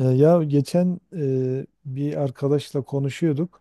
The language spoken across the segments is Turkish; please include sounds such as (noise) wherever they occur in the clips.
Ya geçen bir arkadaşla konuşuyorduk.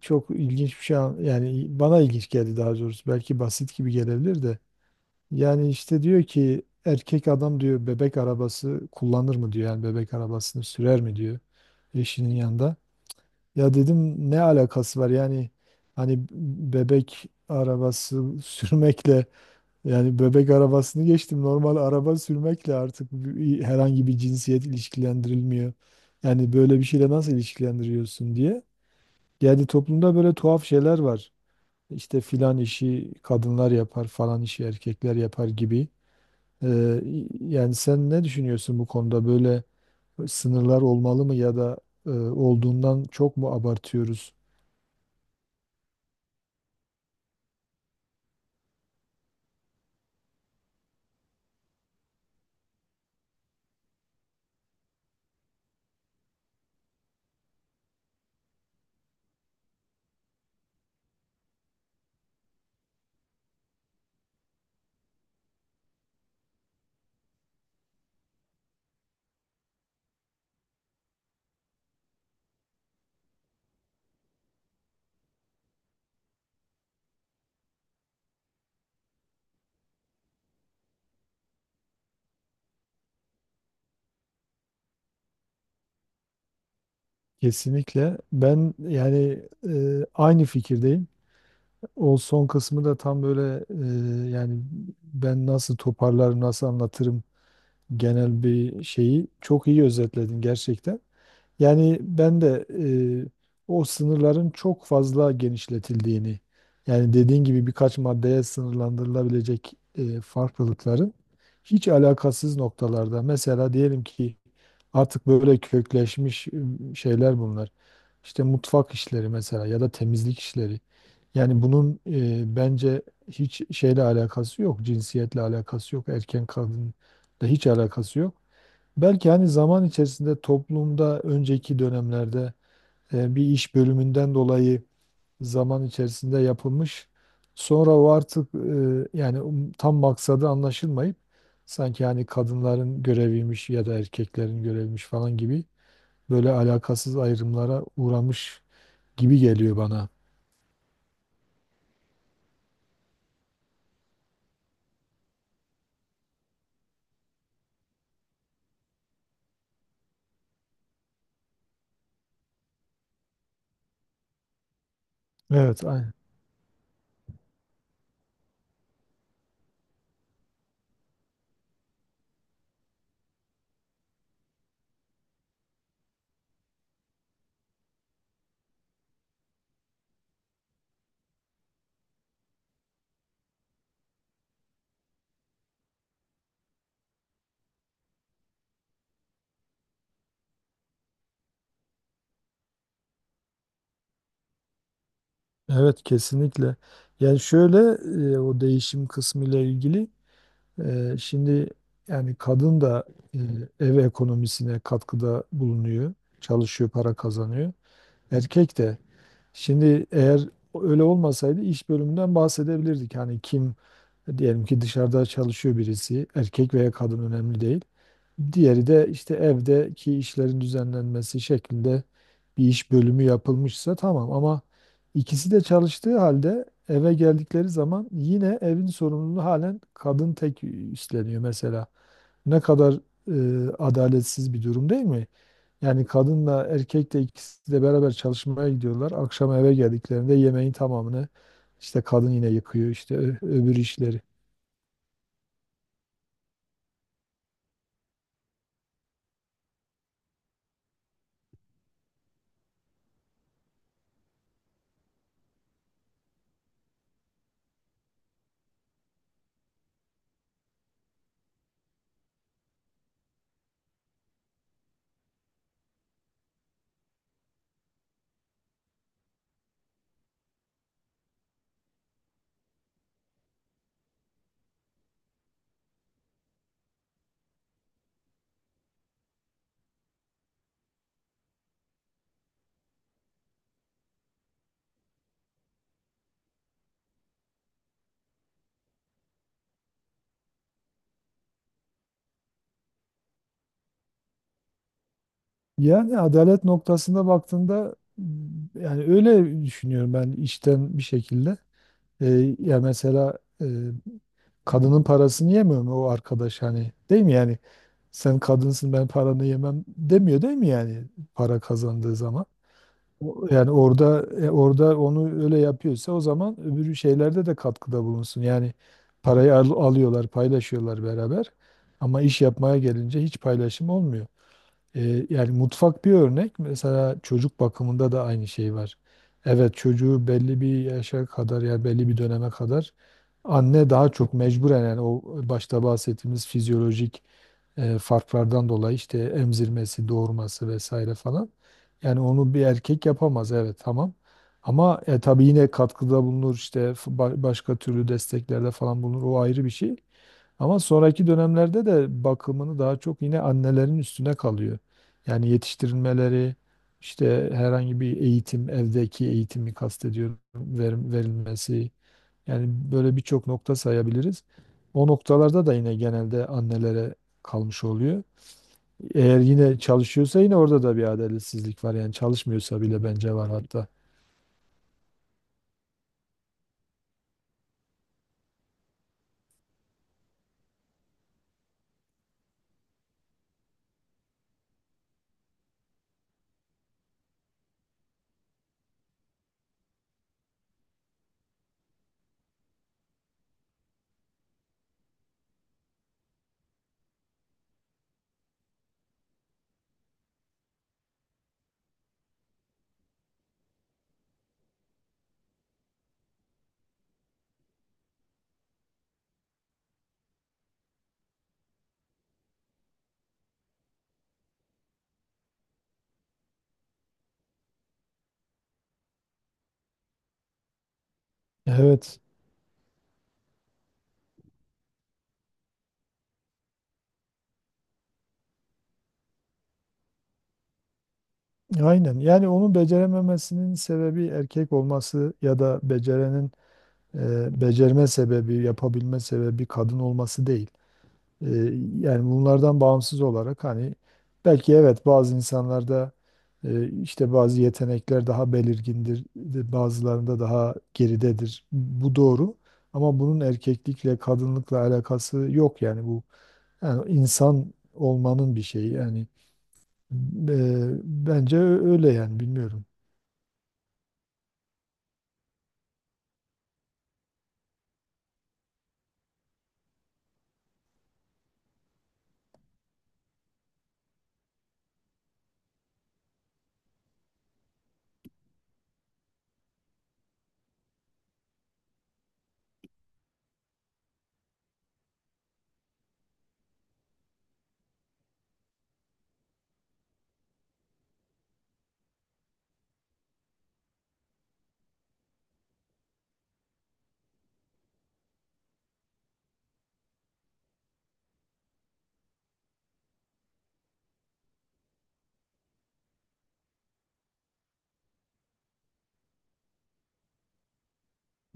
Çok ilginç bir şey yani bana ilginç geldi daha doğrusu. Belki basit gibi gelebilir de. Yani işte diyor ki erkek adam diyor bebek arabası kullanır mı diyor. Yani bebek arabasını sürer mi diyor eşinin yanında. Ya dedim ne alakası var yani hani bebek arabası (laughs) sürmekle yani bebek arabasını geçtim. Normal araba sürmekle artık herhangi bir cinsiyet ilişkilendirilmiyor. Yani böyle bir şeyle nasıl ilişkilendiriyorsun diye. Yani toplumda böyle tuhaf şeyler var. İşte filan işi kadınlar yapar, falan işi erkekler yapar gibi. Ee, yani sen ne düşünüyorsun bu konuda? Böyle sınırlar olmalı mı, ya da olduğundan çok mu abartıyoruz? Kesinlikle. Ben yani aynı fikirdeyim. O son kısmı da tam böyle yani ben nasıl toparlarım, nasıl anlatırım, genel bir şeyi çok iyi özetledin gerçekten. Yani ben de e, o sınırların çok fazla genişletildiğini, yani dediğin gibi birkaç maddeye sınırlandırılabilecek farklılıkların hiç alakasız noktalarda, mesela diyelim ki artık böyle kökleşmiş şeyler bunlar. İşte mutfak işleri mesela ya da temizlik işleri. Yani bunun bence hiç şeyle alakası yok, cinsiyetle alakası yok, erken kadınla hiç alakası yok. Belki hani zaman içerisinde toplumda önceki dönemlerde bir iş bölümünden dolayı zaman içerisinde yapılmış. Sonra o artık yani tam maksadı anlaşılmayıp sanki hani kadınların göreviymiş ya da erkeklerin göreviymiş falan gibi böyle alakasız ayrımlara uğramış gibi geliyor bana. Evet, aynen. Evet, kesinlikle. Yani şöyle o değişim kısmıyla ilgili şimdi yani kadın da eee, ev ekonomisine katkıda bulunuyor, çalışıyor, para kazanıyor. Erkek de. Şimdi eğer öyle olmasaydı iş bölümünden bahsedebilirdik. Hani kim, diyelim ki dışarıda çalışıyor birisi, erkek veya kadın önemli değil. Diğeri de işte evdeki işlerin düzenlenmesi şeklinde bir iş bölümü yapılmışsa tamam ama ikisi de çalıştığı halde eve geldikleri zaman yine evin sorumluluğu halen kadın tek üstleniyor mesela. Ne kadar adaletsiz bir durum değil mi? Yani kadınla erkek de ikisi de beraber çalışmaya gidiyorlar. Akşam eve geldiklerinde yemeğin tamamını işte kadın yine yıkıyor, işte öbür işleri. Yani adalet noktasında baktığında yani öyle düşünüyorum ben içten bir şekilde. Ya mesela kadının parasını yemiyor mu o arkadaş, hani değil mi yani, sen kadınsın ben paranı yemem demiyor değil mi yani, para kazandığı zaman. Yani orada orada onu öyle yapıyorsa o zaman öbür şeylerde de katkıda bulunsun. Yani parayı alıyorlar, paylaşıyorlar beraber, ama iş yapmaya gelince hiç paylaşım olmuyor. Yani mutfak bir örnek. Mesela çocuk bakımında da aynı şey var. Evet, çocuğu belli bir yaşa kadar, ya belli bir döneme kadar, anne daha çok mecburen, yani o başta bahsettiğimiz fizyolojik farklardan dolayı işte emzirmesi, doğurması vesaire falan. Yani onu bir erkek yapamaz, evet, tamam. Ama tabii yine katkıda bulunur, işte başka türlü desteklerde falan bulunur, o ayrı bir şey. Ama sonraki dönemlerde de bakımını daha çok yine annelerin üstüne kalıyor. Yani yetiştirilmeleri, işte herhangi bir eğitim, evdeki eğitimi kastediyorum, verilmesi. Yani böyle birçok nokta sayabiliriz. O noktalarda da yine genelde annelere kalmış oluyor. Eğer yine çalışıyorsa yine orada da bir adaletsizlik var. Yani çalışmıyorsa bile bence var hatta. Evet, aynen. Yani onun becerememesinin sebebi erkek olması ya da becerenin becerme sebebi, yapabilme sebebi kadın olması değil. E, yani bunlardan bağımsız olarak hani belki evet bazı insanlarda işte bazı yetenekler daha belirgindir, bazılarında daha geridedir. Bu doğru. Ama bunun erkeklikle, kadınlıkla alakası yok, yani bu yani insan olmanın bir şeyi yani e, bence öyle yani, bilmiyorum.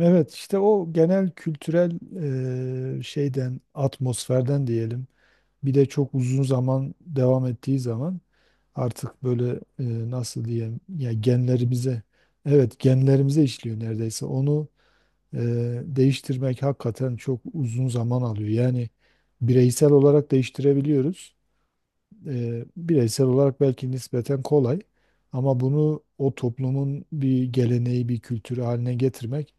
Evet, işte o genel kültürel şeyden, atmosferden diyelim. Bir de çok uzun zaman devam ettiği zaman artık böyle nasıl diyeyim, ya genlerimize, evet, genlerimize işliyor neredeyse. Onu e, değiştirmek hakikaten çok uzun zaman alıyor. Yani bireysel olarak değiştirebiliyoruz, bireysel olarak belki nispeten kolay, ama bunu o toplumun bir geleneği, bir kültürü haline getirmek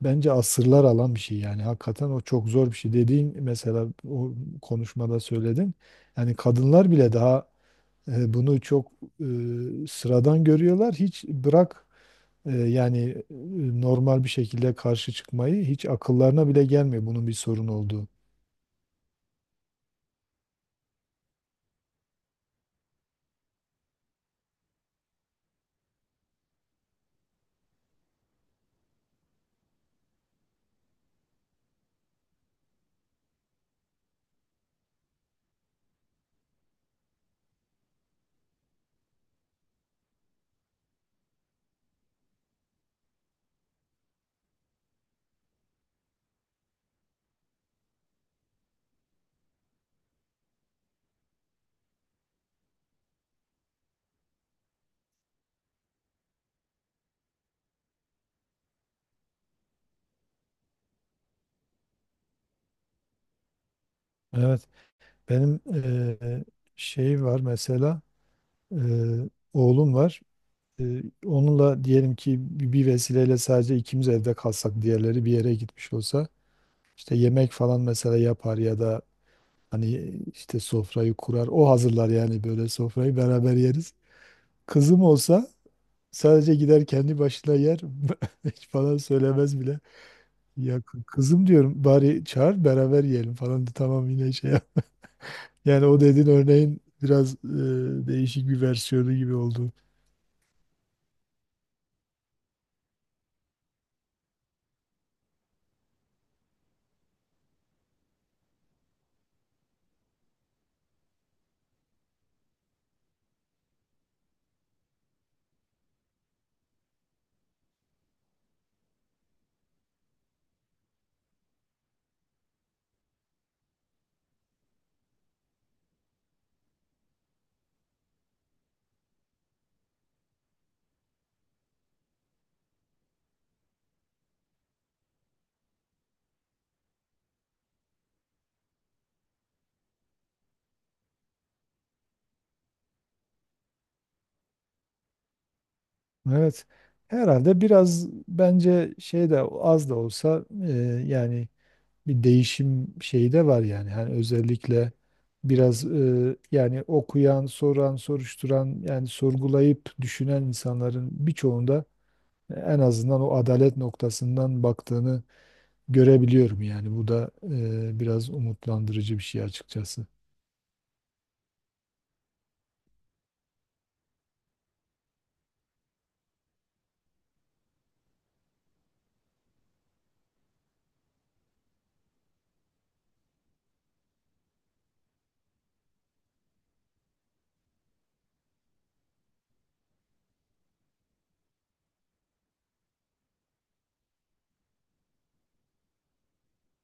bence asırlar alan bir şey yani. Hakikaten o çok zor bir şey. Dediğin mesela o konuşmada söyledin. Yani kadınlar bile daha bunu çok sıradan görüyorlar. Hiç bırak e, yani normal bir şekilde karşı çıkmayı hiç akıllarına bile gelmiyor bunun bir sorun olduğu. Evet, benim şey var mesela. Ee, oğlum var. Onunla diyelim ki bir vesileyle sadece ikimiz evde kalsak, diğerleri bir yere gitmiş olsa, işte yemek falan mesela yapar ya da hani işte sofrayı kurar. O hazırlar, yani böyle sofrayı beraber yeriz. Kızım olsa sadece gider kendi başına yer. (laughs) Hiç falan söylemez bile. Ya kızım diyorum bari çağır beraber yiyelim falan da tamam yine şey yap. Yani o dediğin örneğin biraz değişik bir versiyonu gibi oldu. Evet. Herhalde biraz bence şey de az da olsa yani bir değişim şeyi de var yani. Hani özellikle biraz yani okuyan, soran, soruşturan, yani sorgulayıp düşünen insanların birçoğunda en azından o adalet noktasından baktığını görebiliyorum yani. Bu da biraz umutlandırıcı bir şey açıkçası.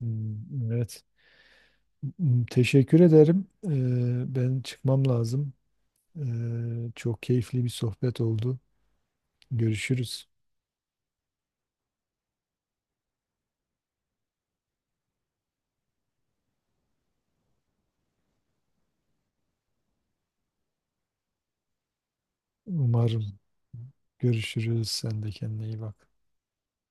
Hmm. Evet. Teşekkür ederim. Ben çıkmam lazım. Çok keyifli bir sohbet oldu. Görüşürüz. Umarım görüşürüz. Sen de kendine iyi bak.